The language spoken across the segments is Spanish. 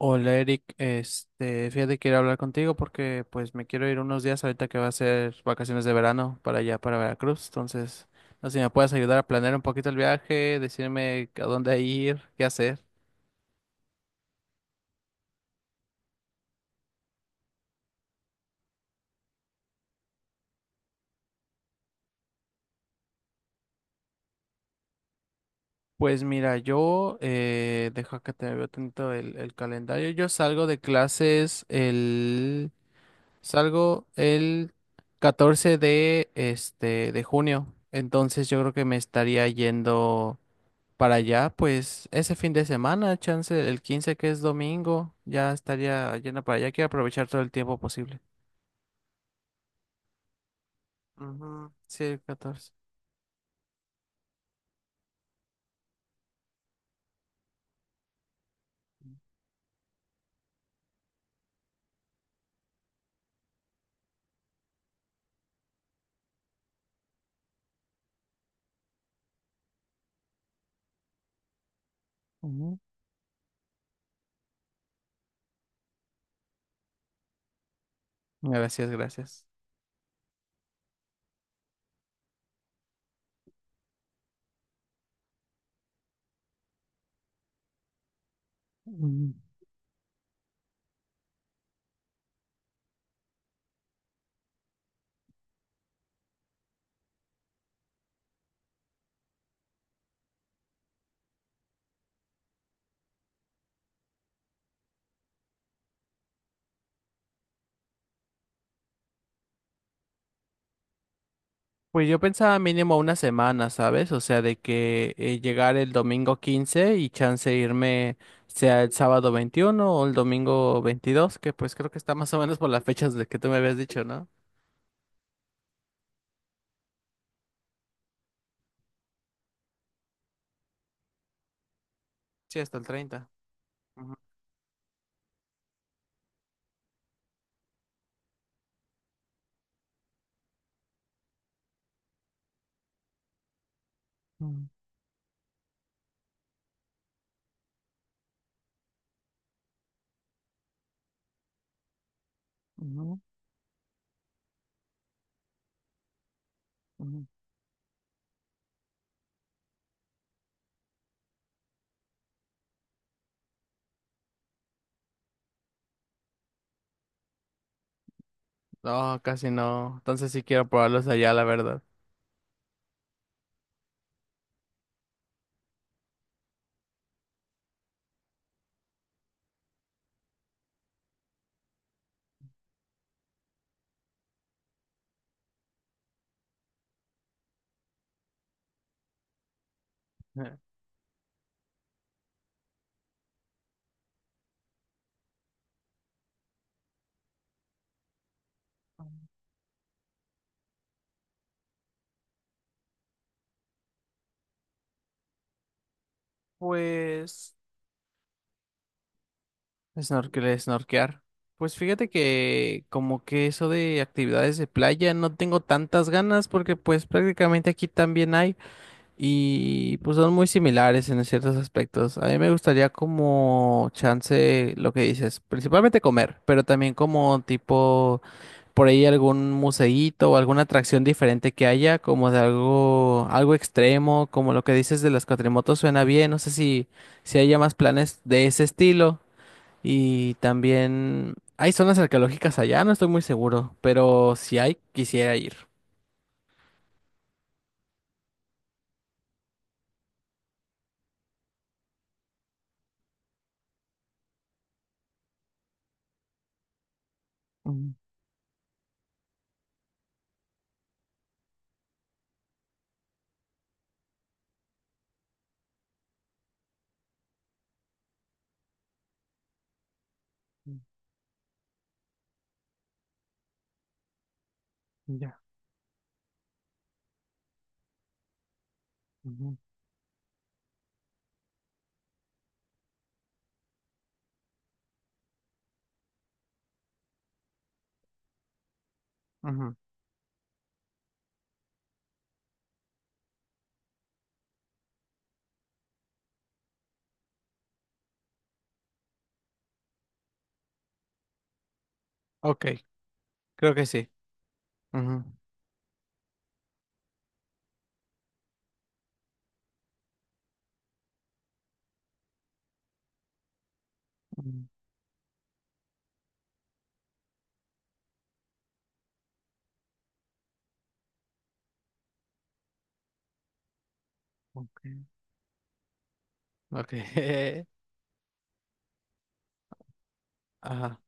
Hola Eric, este, fíjate que quiero hablar contigo porque pues me quiero ir unos días ahorita que va a ser vacaciones de verano para allá, para Veracruz. Entonces, no sé si me puedes ayudar a planear un poquito el viaje, decirme a dónde ir, qué hacer. Pues mira, yo, deja que te veo tanto el calendario. Yo salgo de clases el 14 de junio. Entonces yo creo que me estaría yendo para allá, pues ese fin de semana, chance el 15 que es domingo, ya estaría llena para allá. Quiero aprovechar todo el tiempo posible. Ujú, sí, el 14. Ujú. Gracias, gracias. Mm. Pues yo pensaba mínimo una semana, ¿sabes? O sea, de que llegar el domingo 15 y chance irme sea el sábado 21 o el domingo 22, que pues creo que está más o menos por las fechas de que tú me habías dicho, ¿no? Sí, hasta el 30. Ujú. Mm, ujú, ujú. No, casi no. Entonces sí quiero probarlos allá, la verdad. Eh. Pues, snorkel, snorkear. Pues fíjate que como que eso de actividades de playa no tengo tantas ganas porque pues prácticamente aquí también hay y pues son muy similares en ciertos aspectos. A mí me gustaría como chance lo que dices, principalmente comer, pero también como tipo por ahí algún museíto o alguna atracción diferente que haya, como de algo, algo extremo, como lo que dices de las cuatrimotos suena bien, no sé si haya más planes de ese estilo. Y también hay zonas arqueológicas allá, no estoy muy seguro, pero si hay, quisiera ir. Mm, mm, ya. Ujú, ujú. Ok, creo que sí. Ujú, mm, ok. Ok. Ajá.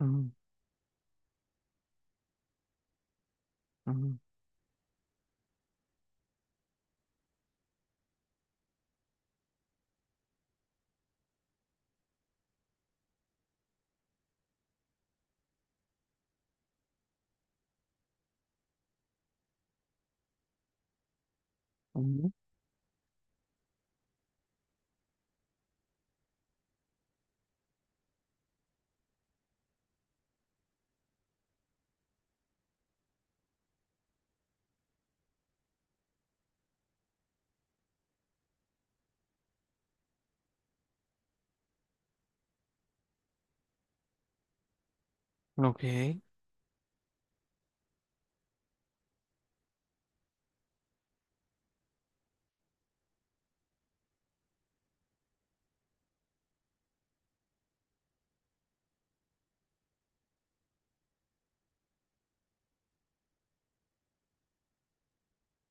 Mm, ujú, ujú, ujú. Ok.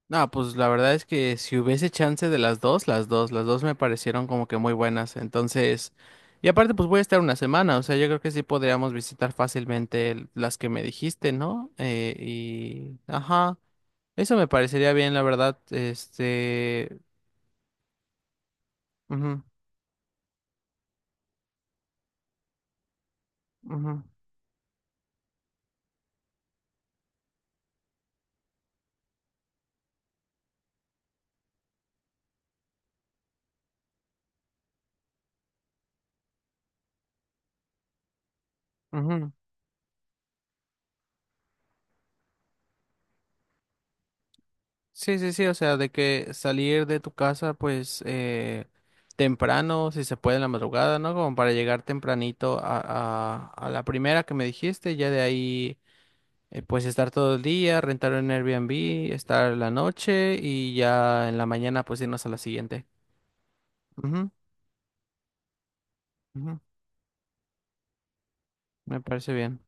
No, pues la verdad es que si hubiese chance de las dos, las dos me parecieron como que muy buenas. Entonces, y aparte pues voy a estar una semana, o sea, yo creo que sí podríamos visitar fácilmente las que me dijiste, ¿no? Ajá, eso me parecería bien, la verdad, este, ujú, ujú, ujú. Sí, sí, sí, o sea, de que salir de tu casa, pues, temprano, si se puede en la madrugada, ¿no? Como para llegar tempranito a la primera que me dijiste, ya de ahí. Pues estar todo el día, rentar un Airbnb, estar la noche y ya en la mañana pues irnos a la siguiente. Ujú, ujú, me parece bien.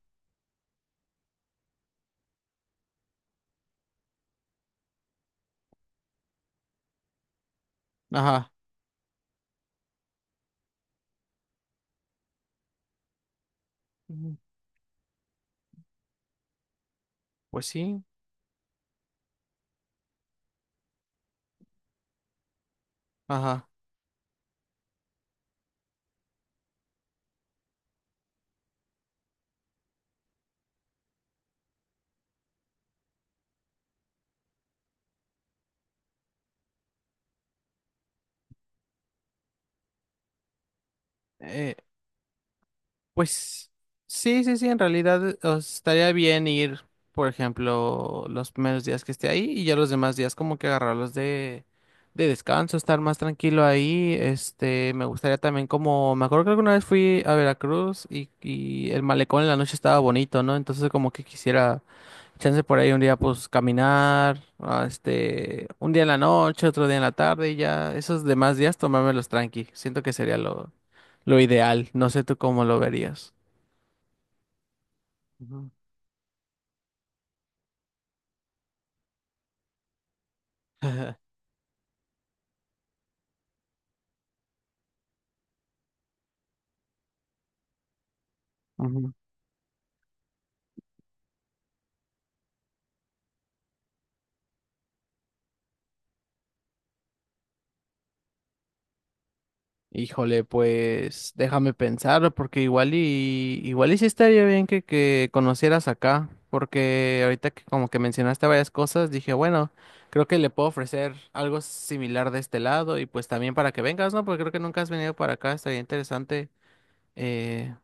Ajá. Ujú, pues sí. Ajá. Eh, Pues sí, sí, sí, en realidad o estaría bien ir, por ejemplo, los primeros días que esté ahí y ya los demás días como que agarrarlos de descanso, estar más tranquilo ahí. Este, me gustaría también como, me acuerdo que alguna vez fui a Veracruz y el malecón en la noche estaba bonito, ¿no? Entonces como que quisiera chance por ahí un día pues caminar, ah, este, un día en la noche, otro día en la tarde y ya esos demás días tomármelos tranqui. Siento que sería lo ideal. No sé tú cómo lo verías. Ujú. Ujú. Híjole, pues déjame pensar, porque igual y igual y sí estaría bien que conocieras acá, porque ahorita que como que mencionaste varias cosas, dije, bueno, creo que le puedo ofrecer algo similar de este lado y pues también para que vengas, ¿no? Porque creo que nunca has venido para acá, estaría interesante eh,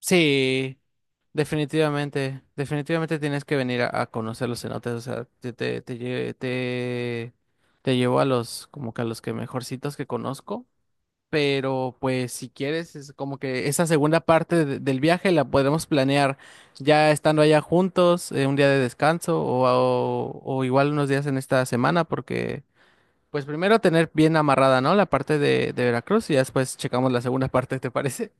Sí, definitivamente, definitivamente tienes que venir a conocer los cenotes, o sea, te llevo a los, como que a los que mejorcitos que conozco, pero pues si quieres, es como que esa segunda parte del viaje la podemos planear ya estando allá juntos, un día de descanso o igual unos días en esta semana, porque pues primero tener bien amarrada, ¿no? La parte de Veracruz y ya después checamos la segunda parte, ¿te parece?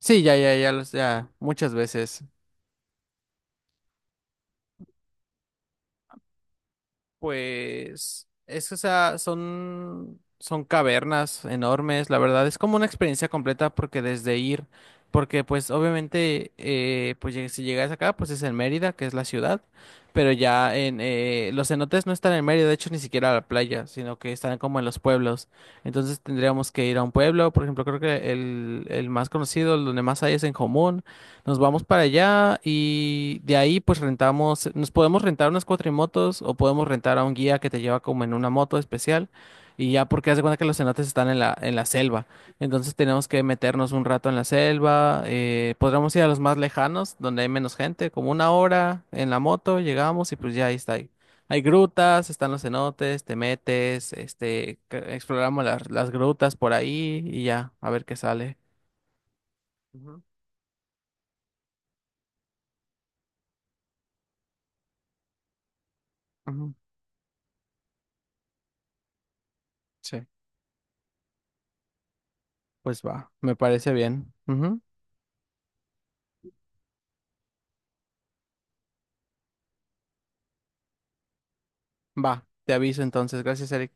Sí, ya, ya, ya, ya, muchas veces. Pues, es, o sea, son cavernas enormes, la verdad, es como una experiencia completa porque desde ir, porque pues obviamente, pues si llegas acá, pues es en Mérida, que es la ciudad, pero ya los cenotes no están en Mérida, de hecho ni siquiera a la playa, sino que están como en los pueblos, entonces tendríamos que ir a un pueblo, por ejemplo, creo que el más conocido, el donde más hay es en Jomún. Nos vamos para allá y de ahí pues rentamos, nos podemos rentar unas cuatrimotos o podemos rentar a un guía que te lleva como en una moto especial y ya porque haz de cuenta que los cenotes están en la selva, entonces tenemos que meternos un rato en la selva, podríamos ir a los más lejanos donde hay menos gente, como una hora en la moto llegamos y pues ya ahí está ahí. Hay grutas, están los cenotes, te metes, este, exploramos las grutas por ahí y ya, a ver qué sale. Ujú, ujú, sí. Pues va, me parece bien. Ujú. Va, te aviso entonces. Gracias, Eric.